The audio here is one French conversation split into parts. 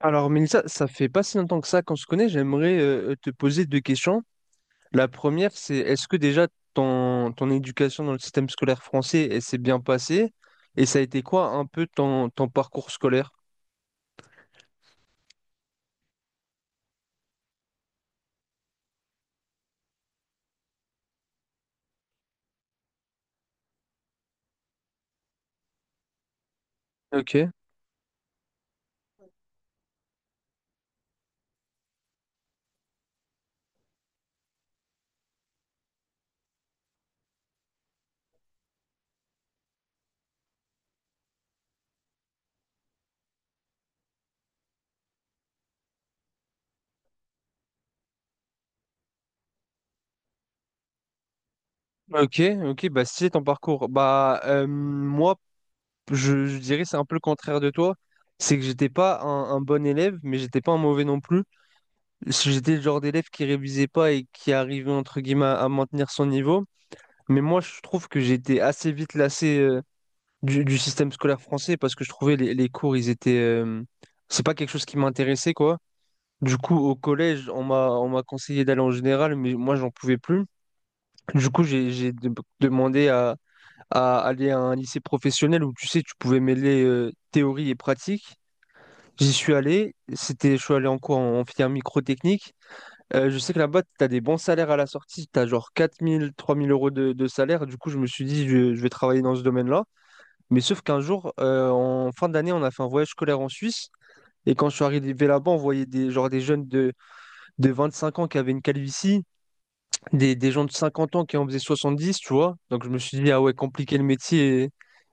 Alors, Mélissa, ça fait pas si longtemps que ça qu'on se connaît. J'aimerais te poser deux questions. La première, c'est est-ce que déjà ton éducation dans le système scolaire français, elle s'est bien passée? Et ça a été quoi un peu ton parcours scolaire? Ok, ok, ok, bah si c'est ton parcours, bah moi je dirais c'est un peu le contraire de toi, c'est que j'étais pas un bon élève, mais j'étais pas un mauvais non plus. Si j'étais le genre d'élève qui révisait pas et qui arrivait entre guillemets à maintenir son niveau. Mais moi, je trouve que j'étais assez vite lassé du système scolaire français parce que je trouvais les cours, ils étaient. C'est pas quelque chose qui m'intéressait, quoi. Du coup, au collège, on m'a conseillé d'aller en général, mais moi, j'en pouvais plus. Du coup, demandé à aller à un lycée professionnel où, tu sais, tu pouvais mêler théorie et pratique. J'y suis allé. Je suis allé en cours en filière microtechnique. Je sais que là-bas, tu as des bons salaires à la sortie, tu as genre 4 000, 3 000 euros de salaire. Du coup, je me suis dit, je vais travailler dans ce domaine-là. Mais sauf qu'un jour, en fin d'année, on a fait un voyage scolaire en Suisse. Et quand je suis arrivé là-bas, on voyait genre des jeunes de 25 ans qui avaient une calvitie, des gens de 50 ans qui en faisaient 70, tu vois. Donc je me suis dit, ah ouais, compliqué le métier.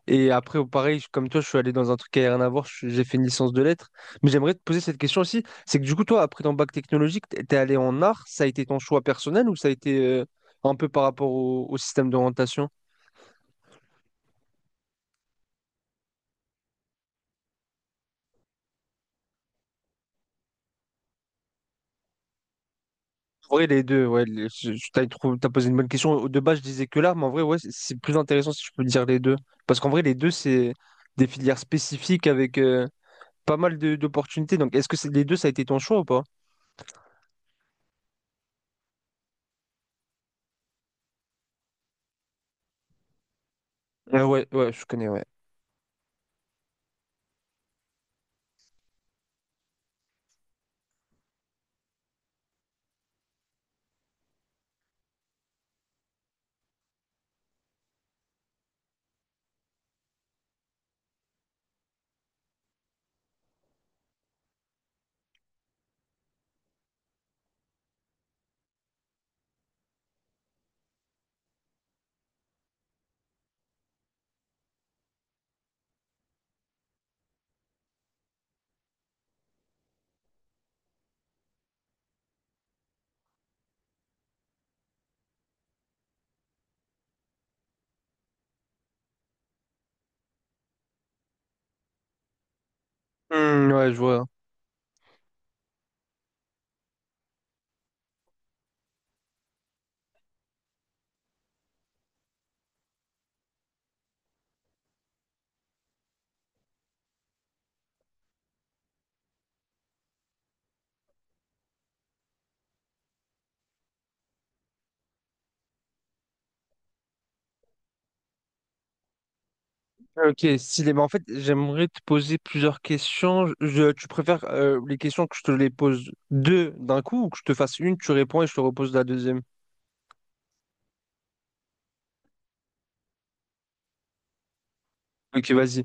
Et après, pareil, comme toi, je suis allé dans un truc qui n'a rien à voir, je- j'ai fait une licence de lettres. Mais j'aimerais te poser cette question aussi, c'est que du coup, toi, après ton bac technologique, t'es allé en art, ça a été ton choix personnel ou ça a été un peu par rapport au système d'orientation? En vrai, les deux, ouais, t'as posé une bonne question. De base, je disais que l'art, mais en vrai, ouais, c'est plus intéressant si je peux dire les deux. Parce qu'en vrai, les deux, c'est des filières spécifiques avec... pas mal d'opportunités. Donc, est-ce que les deux, ça a été ton choix ou pas? Ah ouais, ouais, je connais, ouais. Hmm, ouais, je vois. Ok, stylé. Bah, en fait, j'aimerais te poser plusieurs questions. Tu préfères les questions que je te les pose deux d'un coup ou que je te fasse une, tu réponds et je te repose la deuxième? Ok, vas-y.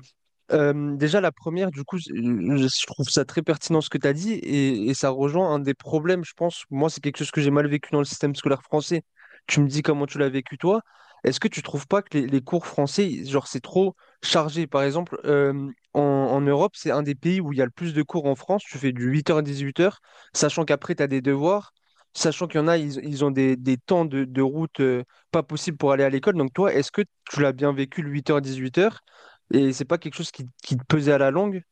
Déjà, la première, du coup, trouve ça très pertinent ce que tu as dit et ça rejoint un des problèmes, je pense. Moi, c'est quelque chose que j'ai mal vécu dans le système scolaire français. Tu me dis comment tu l'as vécu toi. Est-ce que tu trouves pas que les cours français, genre, c'est trop chargé? Par exemple, en Europe, c'est un des pays où il y a le plus de cours en France. Tu fais du 8h à 18h, sachant qu'après, tu as des devoirs, sachant qu'il y en a, ils ont des temps de route pas possible pour aller à l'école. Donc, toi, est-ce que tu l'as bien vécu le 8 dix-huit heures? Et c'est pas quelque chose qui te pesait à la longue.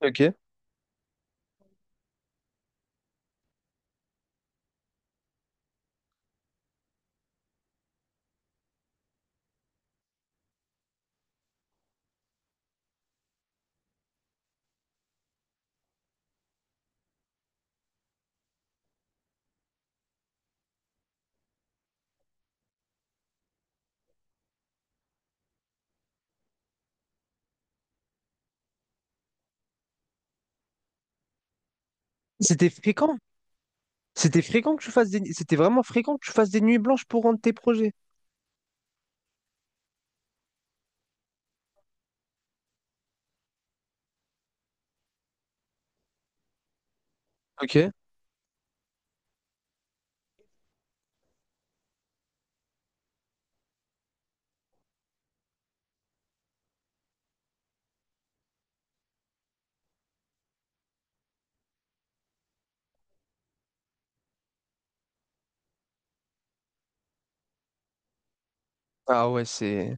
Ok. C'était fréquent. C'était fréquent que tu fasses des... C'était vraiment fréquent que tu fasses des nuits blanches pour rendre tes projets. Ok. Ah ouais.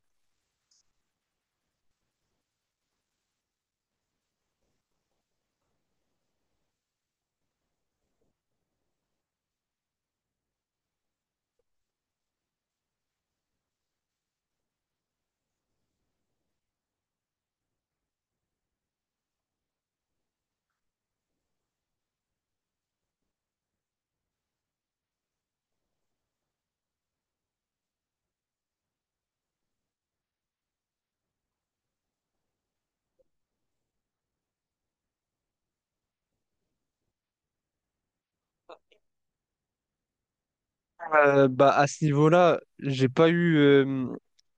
Bah à ce niveau-là, j'ai pas eu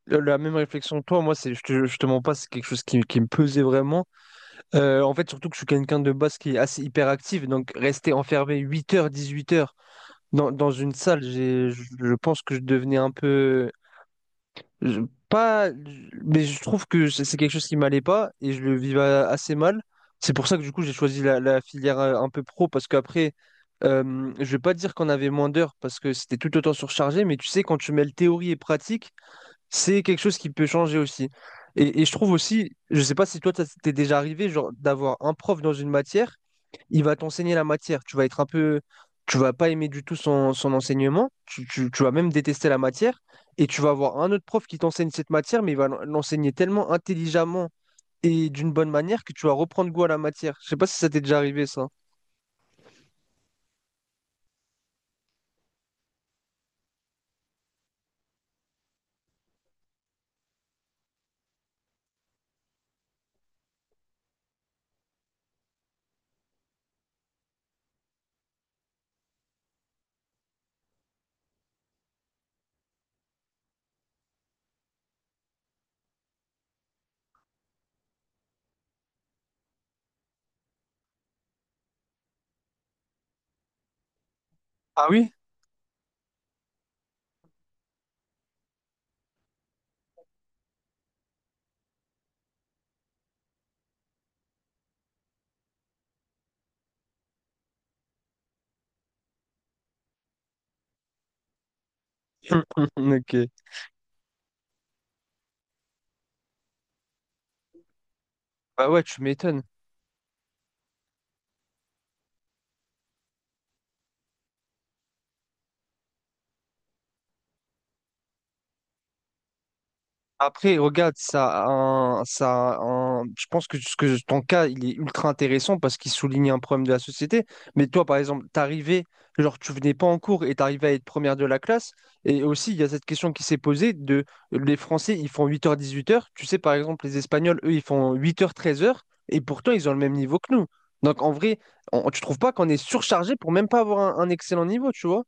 la même réflexion que toi. Moi, c'est, je te mens pas, c'est quelque chose qui me pesait vraiment. En fait, surtout que je suis quelqu'un de base qui est assez hyperactif. Donc rester enfermé 8h, 18h dans une salle, j'ai, je pense que je devenais un peu... Je- pas, Mais je trouve que c'est quelque chose qui m'allait pas et je le vivais assez mal. C'est pour ça que du coup j'ai choisi la filière un peu pro parce qu'après, je vais pas dire qu'on avait moins d'heures parce que c'était tout autant surchargé, mais tu sais, quand tu mêles théorie et pratique, c'est quelque chose qui peut changer aussi. Et je trouve aussi, je sais pas si toi ça t'est déjà arrivé, genre d'avoir un prof dans une matière il va t'enseigner la matière. Tu vas être un peu, tu vas pas aimer du tout son enseignement. Tu vas même détester la matière. Et tu vas avoir un autre prof qui t'enseigne cette matière, mais il va l'enseigner tellement intelligemment et d'une bonne manière que tu vas reprendre goût à la matière. Je sais pas si ça t'est déjà arrivé, ça. Ah oui? Ok. Bah ouais, tu m'étonnes. Après, regarde, je pense ce que ton cas, il est ultra intéressant parce qu'il souligne un problème de la société. Mais toi, par exemple, t'arrivais, genre, tu venais pas en cours et t'arrivais à être première de la classe. Et aussi, il y a cette question qui s'est posée de les Français, ils font 8h 18h. Tu sais, par exemple, les Espagnols, eux, ils font 8h 13h. Et pourtant, ils ont le même niveau que nous. Donc, en vrai, tu trouves pas qu'on est surchargé pour même pas avoir un excellent niveau, tu vois?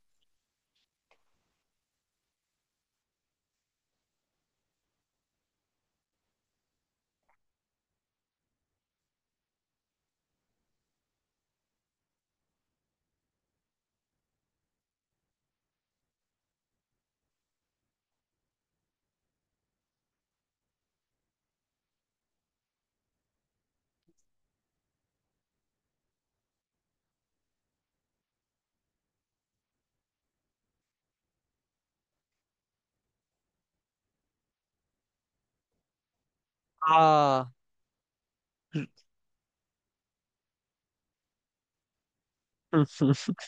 Ah,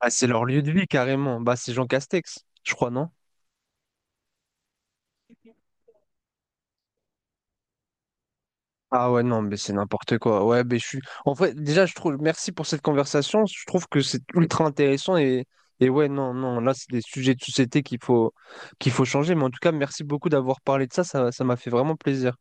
Ah, c'est leur lieu de vie, carrément. Bah, c'est Jean Castex, je crois, non? Ah ouais, non, mais c'est n'importe quoi. Ouais, mais je suis. En vrai, déjà, je trouve. Merci pour cette conversation. Je trouve que c'est ultra intéressant et. Et ouais, non, non, là, c'est des sujets de société qu'il faut changer. Mais en tout cas, merci beaucoup d'avoir parlé de ça. Ça m'a fait vraiment plaisir.